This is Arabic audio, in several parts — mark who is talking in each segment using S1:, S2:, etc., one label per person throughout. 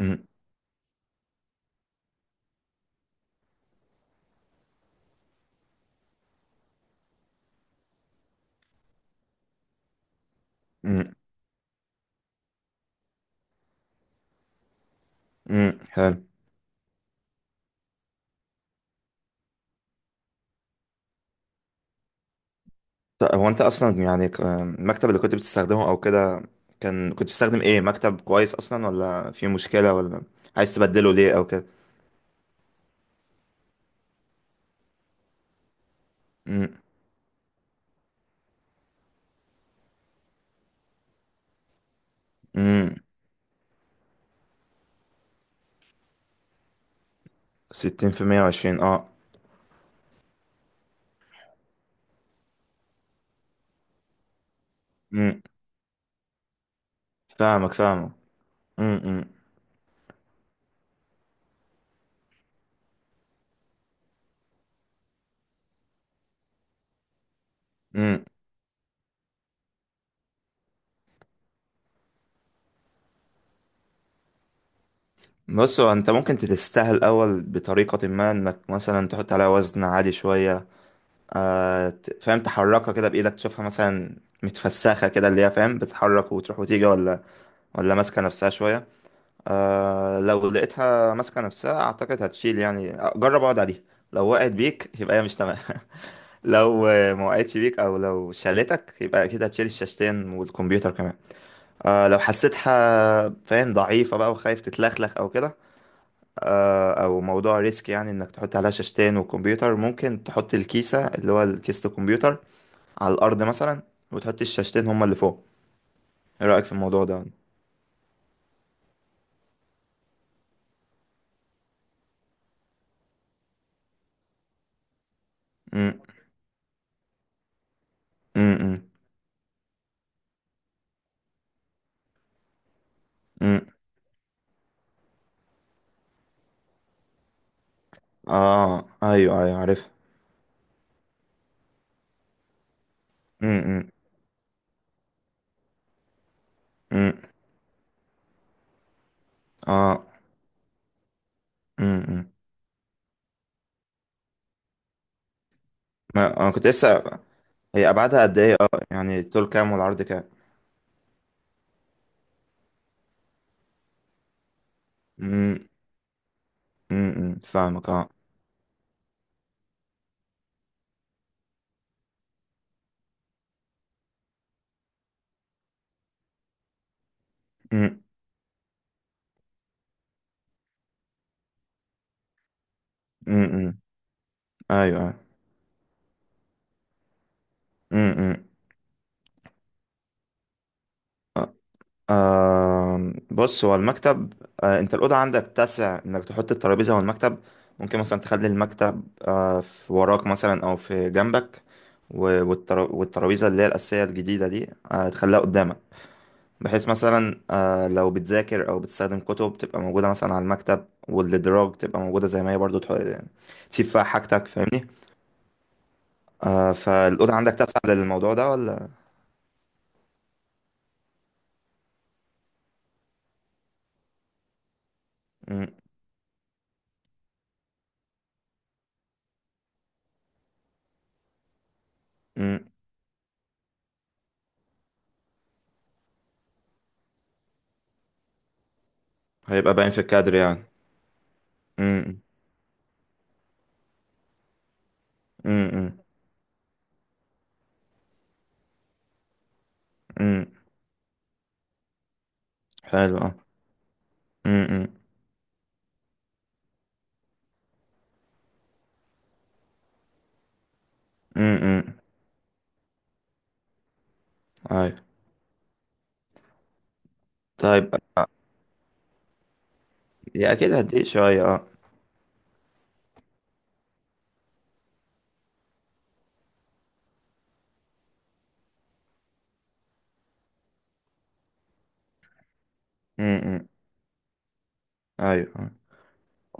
S1: مم. مم. مم. حلو. هو انت اصلا يعني المكتب اللي كنت بتستخدمه او كده، كنت بتستخدم ايه، مكتب كويس اصلا ولا في مشكلة، ولا عايز تبدله ليه او كده؟ مم. مم. 60 في 120. اه مم. فاهمك فاهمك. مم. مم. مم. بص، هو انت ممكن تتستاهل الاول بطريقة ما انك مثلا تحط عليها وزن عالي شوية. فاهم، تحركها كده بايدك تشوفها مثلا متفسخة كده اللي هي فاهم، بتتحرك وتروح وتيجي، ولا ماسكة نفسها شوية. لو لقيتها ماسكة نفسها أعتقد هتشيل يعني. جرب اقعد عليها. لو وقعت بيك يبقى هي مش تمام. لو ما وقعتش بيك أو لو شالتك يبقى أكيد هتشيل الشاشتين والكمبيوتر كمان. لو حسيتها فاهم ضعيفة بقى وخايف تتلخلخ أو كده. أو موضوع ريسك، يعني إنك تحط عليها شاشتين وكمبيوتر ممكن تحط الكيسة اللي هو كيسة الكمبيوتر على الأرض مثلا، وتحط الشاشتين هما اللي فوق. إيه رأيك في الموضوع ده؟ م- م- م- م. أيوه أيوه عارف. م- م. امم اه امم امم. ما انا كنت لسه، هي ابعادها قد ايه؟ اه يعني الطول كام والعرض كام؟ امم فاهمك. اه امم امم امم. ايوه، أيوه. امم بص هو المكتب، انت الاوضه عندك تسع انك تحط الترابيزه والمكتب؟ ممكن مثلا تخلي المكتب في وراك مثلا او في جنبك، والترابيزه اللي هي الاساسيه الجديده دي تخليها قدامك، بحيث مثلا لو بتذاكر او بتستخدم كتب تبقى موجوده مثلا على المكتب، والادراج تبقى موجوده زي ما هي برضو تسيب فيها حاجتك، فاهمني. فالاوضه عندك تسعة للموضوع ده ولا؟ م- م. هيبقى باين في الكادر يعني. م- م- م- م. حلو، اه. م- م- م- م. ايوه. طيب، يا اكيد هديك شويه. اه م- م. ايوه، آه.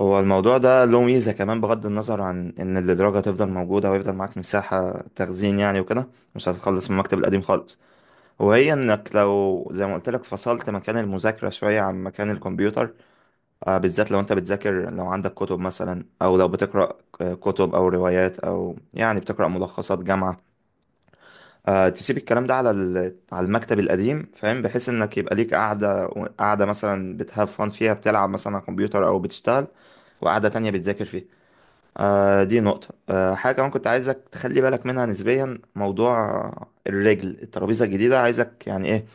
S1: هو الموضوع ده له ميزة كمان، بغض النظر عن إن الإدراج هتفضل موجودة ويفضل معاك مساحة تخزين يعني وكده. مش هتخلص من المكتب القديم خالص. وهي إنك لو زي ما قلت لك فصلت مكان المذاكرة شوية عن مكان الكمبيوتر، بالذات لو أنت بتذاكر، لو عندك كتب مثلا أو لو بتقرأ كتب أو روايات أو يعني بتقرأ ملخصات جامعة، تسيب الكلام ده على على المكتب القديم، فاهم، بحيث إنك يبقى ليك قاعدة، قاعدة مثلا بتهاف فن فيها بتلعب مثلا على الكمبيوتر أو بتشتغل، وقاعدة تانية بتذاكر فيها. دي نقطة. حاجة كمان كنت عايزك تخلي بالك منها نسبيا، موضوع الرجل، الترابيزة الجديدة، عايزك يعني ايه،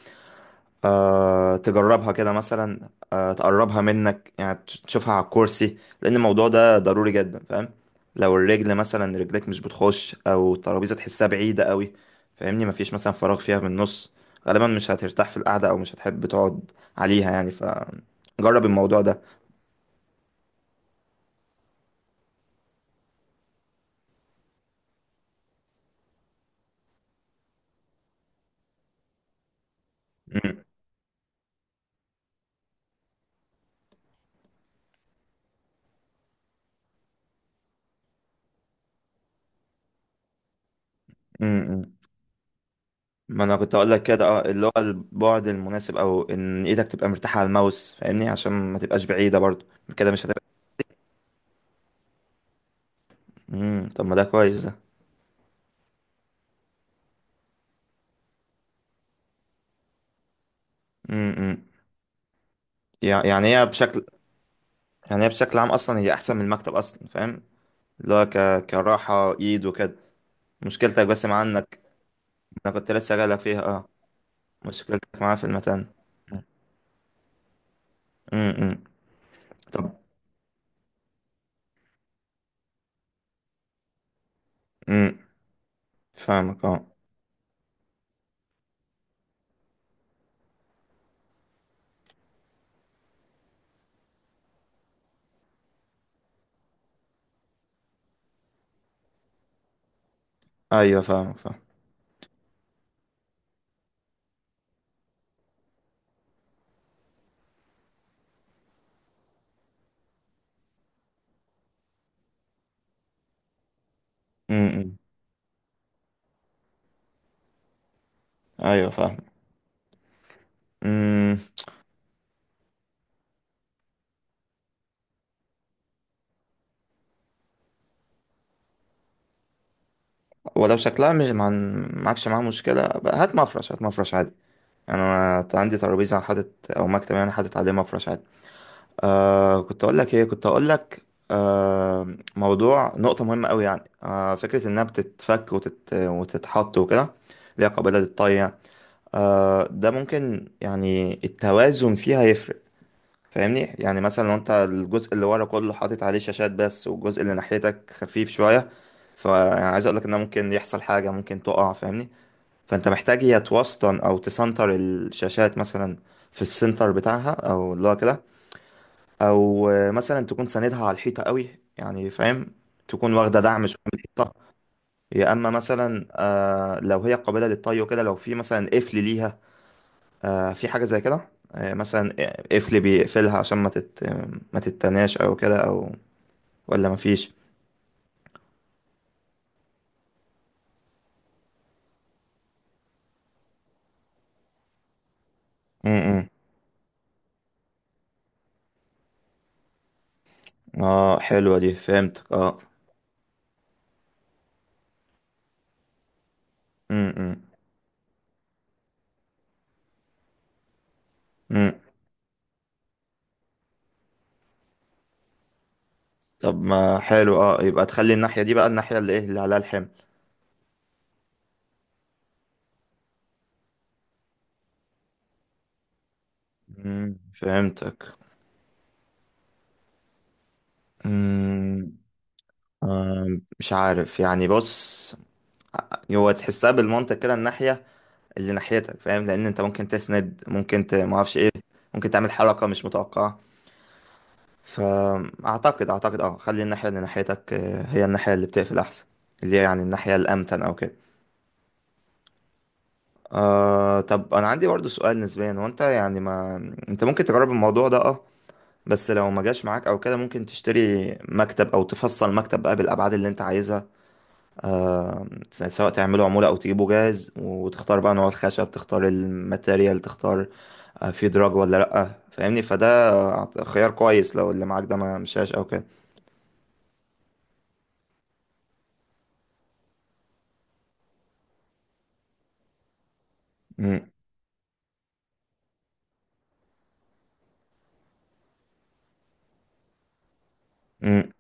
S1: تجربها كده مثلا، تقربها منك يعني، تشوفها على الكرسي، لأن الموضوع ده ضروري جدا، فاهم. لو الرجل مثلا، رجلك مش بتخش أو الترابيزة تحسها بعيدة قوي، فاهمني، مفيش مثلا فراغ فيها من النص، غالبا مش هترتاح في القعدة أو مش هتحب تقعد عليها يعني، فجرب الموضوع ده. م- م- م. ما انا كنت اقول لك كده، اللي هو البعد المناسب، او ان ايدك تبقى مرتاحه على الماوس، فاهمني، عشان ما تبقاش بعيده برضو. كده مش هتبقى. طب ما ده كويس ده. امم يعني هي بشكل، يعني هي بشكل عام اصلا هي احسن من المكتب اصلا، فاهم، اللي هو كراحه ايد وكده. مشكلتك بس مع انك، انا كنت لسه جايلك فيها. اه مشكلتك معاه في المتن. امم طب. امم فاهمك. اه ايوه، فاهمك فاهم. امم ايوه، فاهم. ولو شكلها مش معكش معاها مشكلة بقى، هات مفرش، هات مفرش عادي. يعني أنا عندي ترابيزة حاطط أو مكتب، يعني حاطط عليه مفرش عادي. كنت أقول لك إيه، كنت أقول لك، آه موضوع نقطة مهمة أوي يعني، فكرة إنها بتتفك وتتحط وكده، ليها قابلة للطي يعني. ده ممكن يعني التوازن فيها يفرق، فاهمني، يعني مثلا لو انت الجزء اللي ورا كله حاطط عليه شاشات بس والجزء اللي ناحيتك خفيف شوية، فعايز اقولك ان ممكن يحصل حاجة، ممكن تقع، فاهمني. فانت محتاج يا توسطن او تسنتر الشاشات مثلا، في السنتر بتاعها او اللي هو كده، او مثلا تكون ساندها على الحيطة قوي، يعني فاهم، تكون واخدة دعم شوية من الحيطة، يا اما مثلا لو هي قابلة للطي وكده، لو في مثلا قفل ليها، في حاجة زي كده، مثلا قفل بيقفلها عشان ما تتناش او كده، او ولا مفيش. امم اه حلوة دي، فهمتك. اه امم امم طب ما حلو، يبقى تخلي الناحية دي بقى الناحية اللي ايه، اللي عليها الحمل. فهمتك. امم آه، مش عارف يعني، بص، هو تحسها بالمنطق كده، الناحية اللي ناحيتك فاهم، لان انت ممكن تسند، ممكن معرفش ايه، ممكن تعمل حركة مش متوقعة، فاعتقد خلي الناحيه اللي ناحيتك هي الناحيه اللي بتقفل احسن، اللي هي يعني الناحيه الامتن او كده. طب انا عندي برضه سؤال نسبيا، هو انت يعني، ما انت ممكن تجرب الموضوع ده. اه بس لو ما جاش معاك او كده، ممكن تشتري مكتب او تفصل مكتب بقى بالابعاد اللي انت عايزها، سواء تعمله عمولة او تجيبه جاهز، وتختار بقى نوع الخشب، تختار الماتيريال، تختار في دراج ولا لأ، فاهمني، فده خيار كويس لو اللي معاك ده ما مشاش او كده. مم.